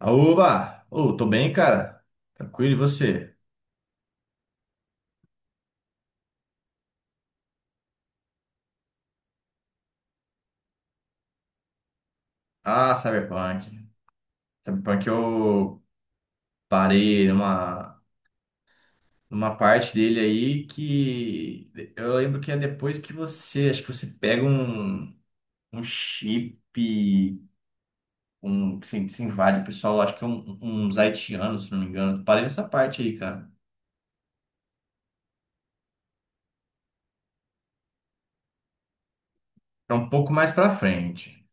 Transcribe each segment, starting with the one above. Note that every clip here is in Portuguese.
Aúba! Ô, tô bem, cara. Tranquilo, e você? Ah, Cyberpunk. Cyberpunk eu parei numa parte dele aí que eu lembro que é depois que você, acho que você pega um chip, que você invade o pessoal, acho que é uns haitianos, se não me engano. Parei nessa parte aí, cara. É um pouco mais pra frente.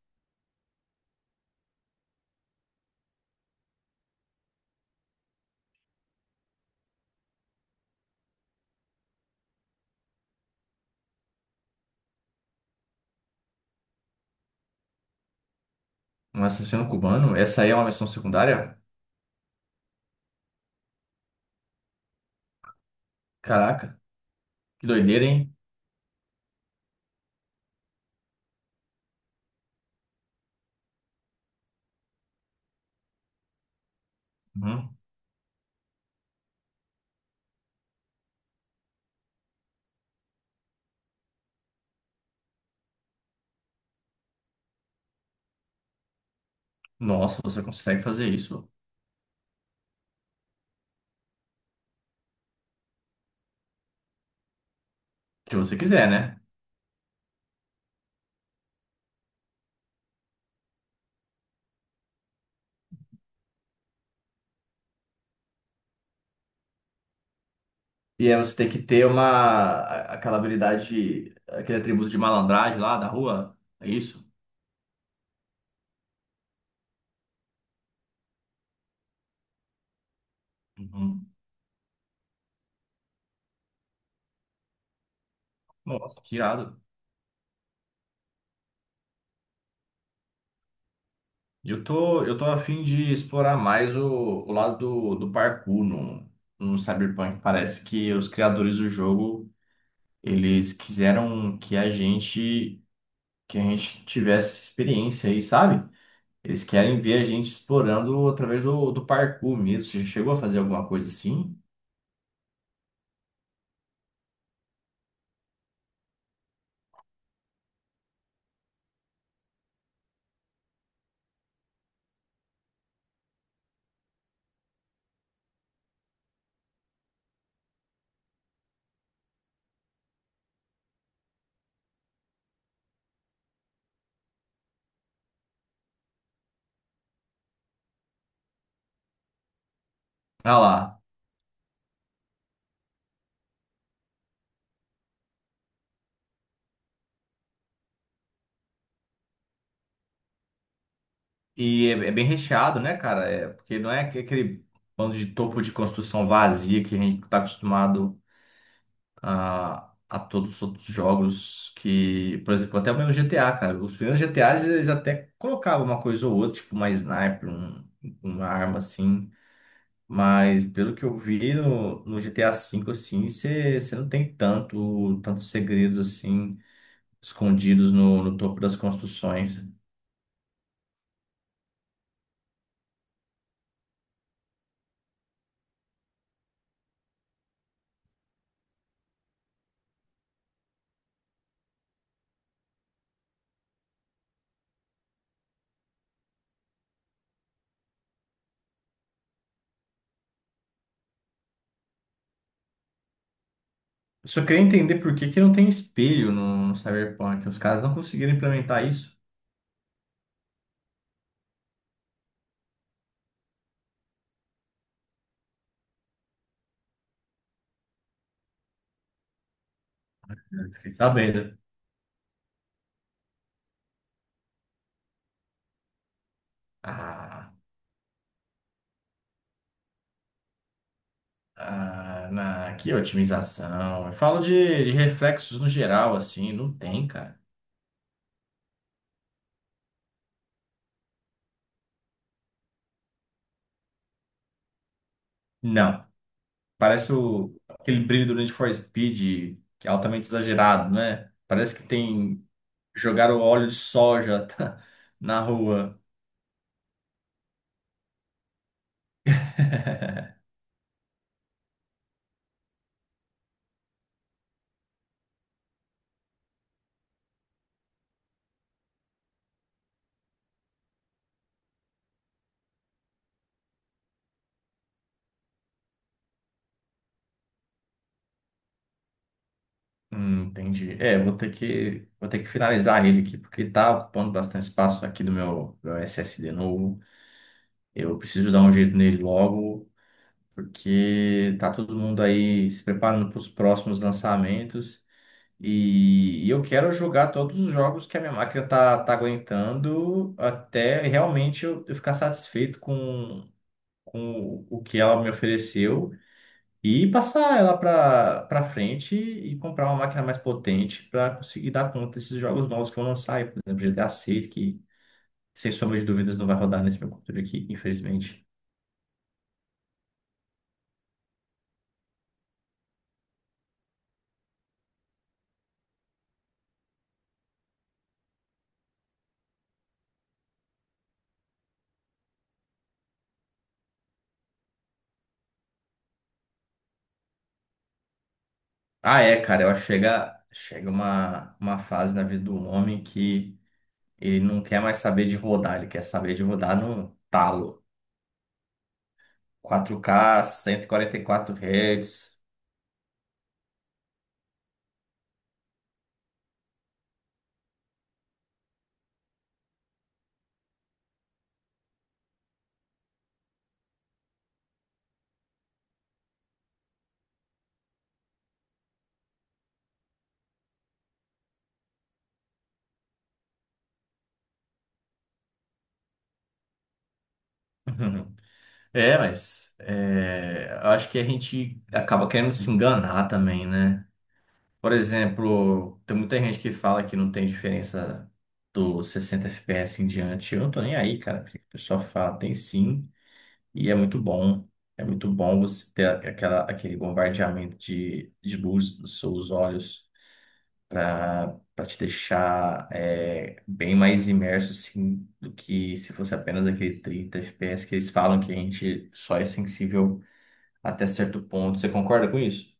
Um assassino cubano, essa aí é uma missão secundária? Caraca, que doideira, hein? Uhum. Nossa, você consegue fazer isso? Que você quiser, né? E aí você tem que ter aquela habilidade, aquele atributo de malandragem lá da rua, é isso? Uhum. Nossa, que irado. Eu tô a fim de explorar mais o lado do parkour no Cyberpunk. Parece que os criadores do jogo, eles quiseram que a gente tivesse essa experiência aí, sabe? Eles querem ver a gente explorando através do parkour mesmo. Você já chegou a fazer alguma coisa assim? Ah lá. E é bem recheado, né, cara? É, porque não é aquele bando de topo de construção vazia que a gente tá acostumado a todos os outros jogos que, por exemplo, até o mesmo GTA, cara. Os primeiros GTAs eles até colocavam uma coisa ou outra, tipo uma sniper, uma arma assim. Mas pelo que eu vi no GTA V, assim, você não tem tanto, tantos segredos assim escondidos no topo das construções. Eu só queria entender por que que não tem espelho no Cyberpunk. Os caras não conseguiram implementar isso. Eu fiquei sabendo. Ah, ah, que otimização. Eu falo de reflexos no geral, assim. Não tem, cara. Não. Parece aquele brilho do Need for Speed, que é altamente exagerado, né? Parece que tem. Jogaram óleo de soja na rua. Entendi. É, vou ter que finalizar ele aqui, porque ele tá ocupando bastante espaço aqui do meu SSD novo. Eu preciso dar um jeito nele logo, porque tá todo mundo aí se preparando para os próximos lançamentos. E eu quero jogar todos os jogos que a minha máquina tá aguentando até realmente eu ficar satisfeito com o que ela me ofereceu e passar ela para frente e comprar uma máquina mais potente para conseguir dar conta desses jogos novos que vão lançar aí, por exemplo, GTA 6, que sem sombra de dúvidas não vai rodar nesse meu computador aqui, infelizmente. Ah, é, cara, eu acho que chega, chega uma fase na vida do homem que ele não quer mais saber de rodar, ele quer saber de rodar no talo. 4K, 144 Hz. É, mas é, eu acho que a gente acaba querendo se enganar também, né? Por exemplo, tem muita gente que fala que não tem diferença do 60 FPS em diante. Eu não tô nem aí, cara, porque o pessoal fala, tem sim, e é muito bom. É muito bom você ter aquele bombardeamento de luz nos seus olhos para te deixar bem mais imerso assim, do que se fosse apenas aquele 30 FPS que eles falam que a gente só é sensível até certo ponto. Você concorda com isso?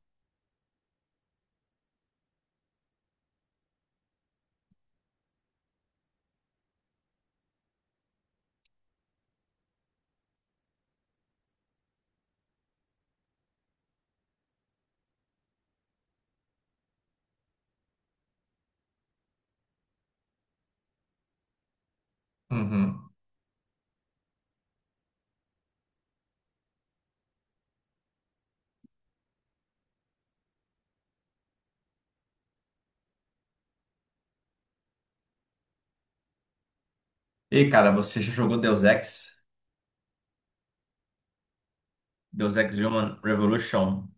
Uhum. E cara, você já jogou Deus Ex? Deus Ex Human Revolution.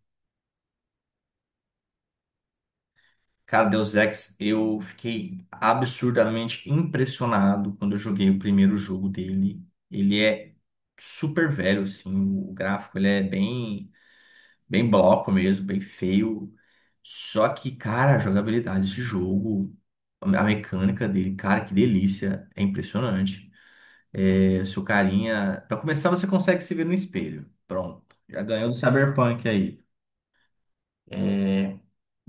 Cara, Deus Ex, eu fiquei absurdamente impressionado quando eu joguei o primeiro jogo dele. Ele é super velho, assim, o gráfico ele é bem, bem bloco mesmo, bem feio. Só que, cara, a jogabilidade desse jogo, a mecânica dele, cara, que delícia, é impressionante. É, seu carinha, pra começar, você consegue se ver no espelho. Pronto, já ganhou do Cyberpunk aí.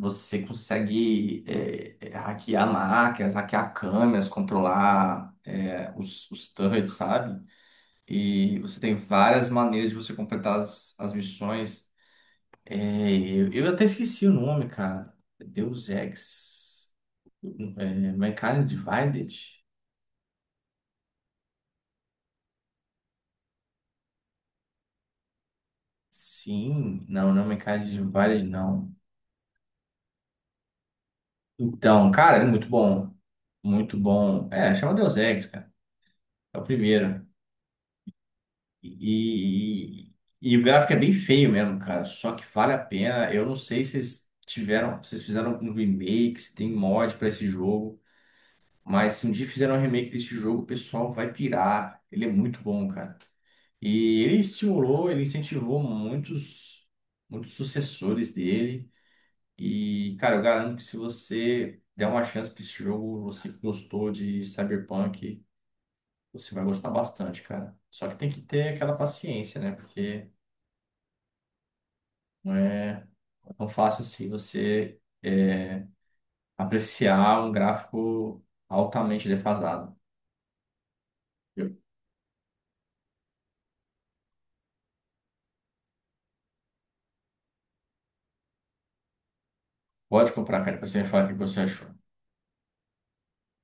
Você consegue hackear máquinas, hackear câmeras, controlar os turrets, sabe? E você tem várias maneiras de você completar as missões. É, eu até esqueci o nome, cara. Deus Ex. É, Mankind Divided? Sim. Não, não é Mankind Divided, não. Então, cara, é muito bom. Muito bom. É, chama Deus Ex, cara. É o primeiro. E, e- e o gráfico é bem feio mesmo, cara. Só que vale a pena. Eu não sei se vocês tiveram, se vocês fizeram um remake, se tem mod pra esse jogo. Mas se um dia fizeram um remake desse jogo, o pessoal vai pirar. Ele é muito bom, cara. E ele estimulou, ele incentivou muitos, muitos sucessores dele. E, cara, eu garanto que se você der uma chance pra esse jogo, você que gostou de Cyberpunk, você vai gostar bastante, cara. Só que tem que ter aquela paciência, né? Porque não é tão fácil assim você apreciar um gráfico altamente defasado. Eu- Pode comprar, cara, pra você me falar o que você achou.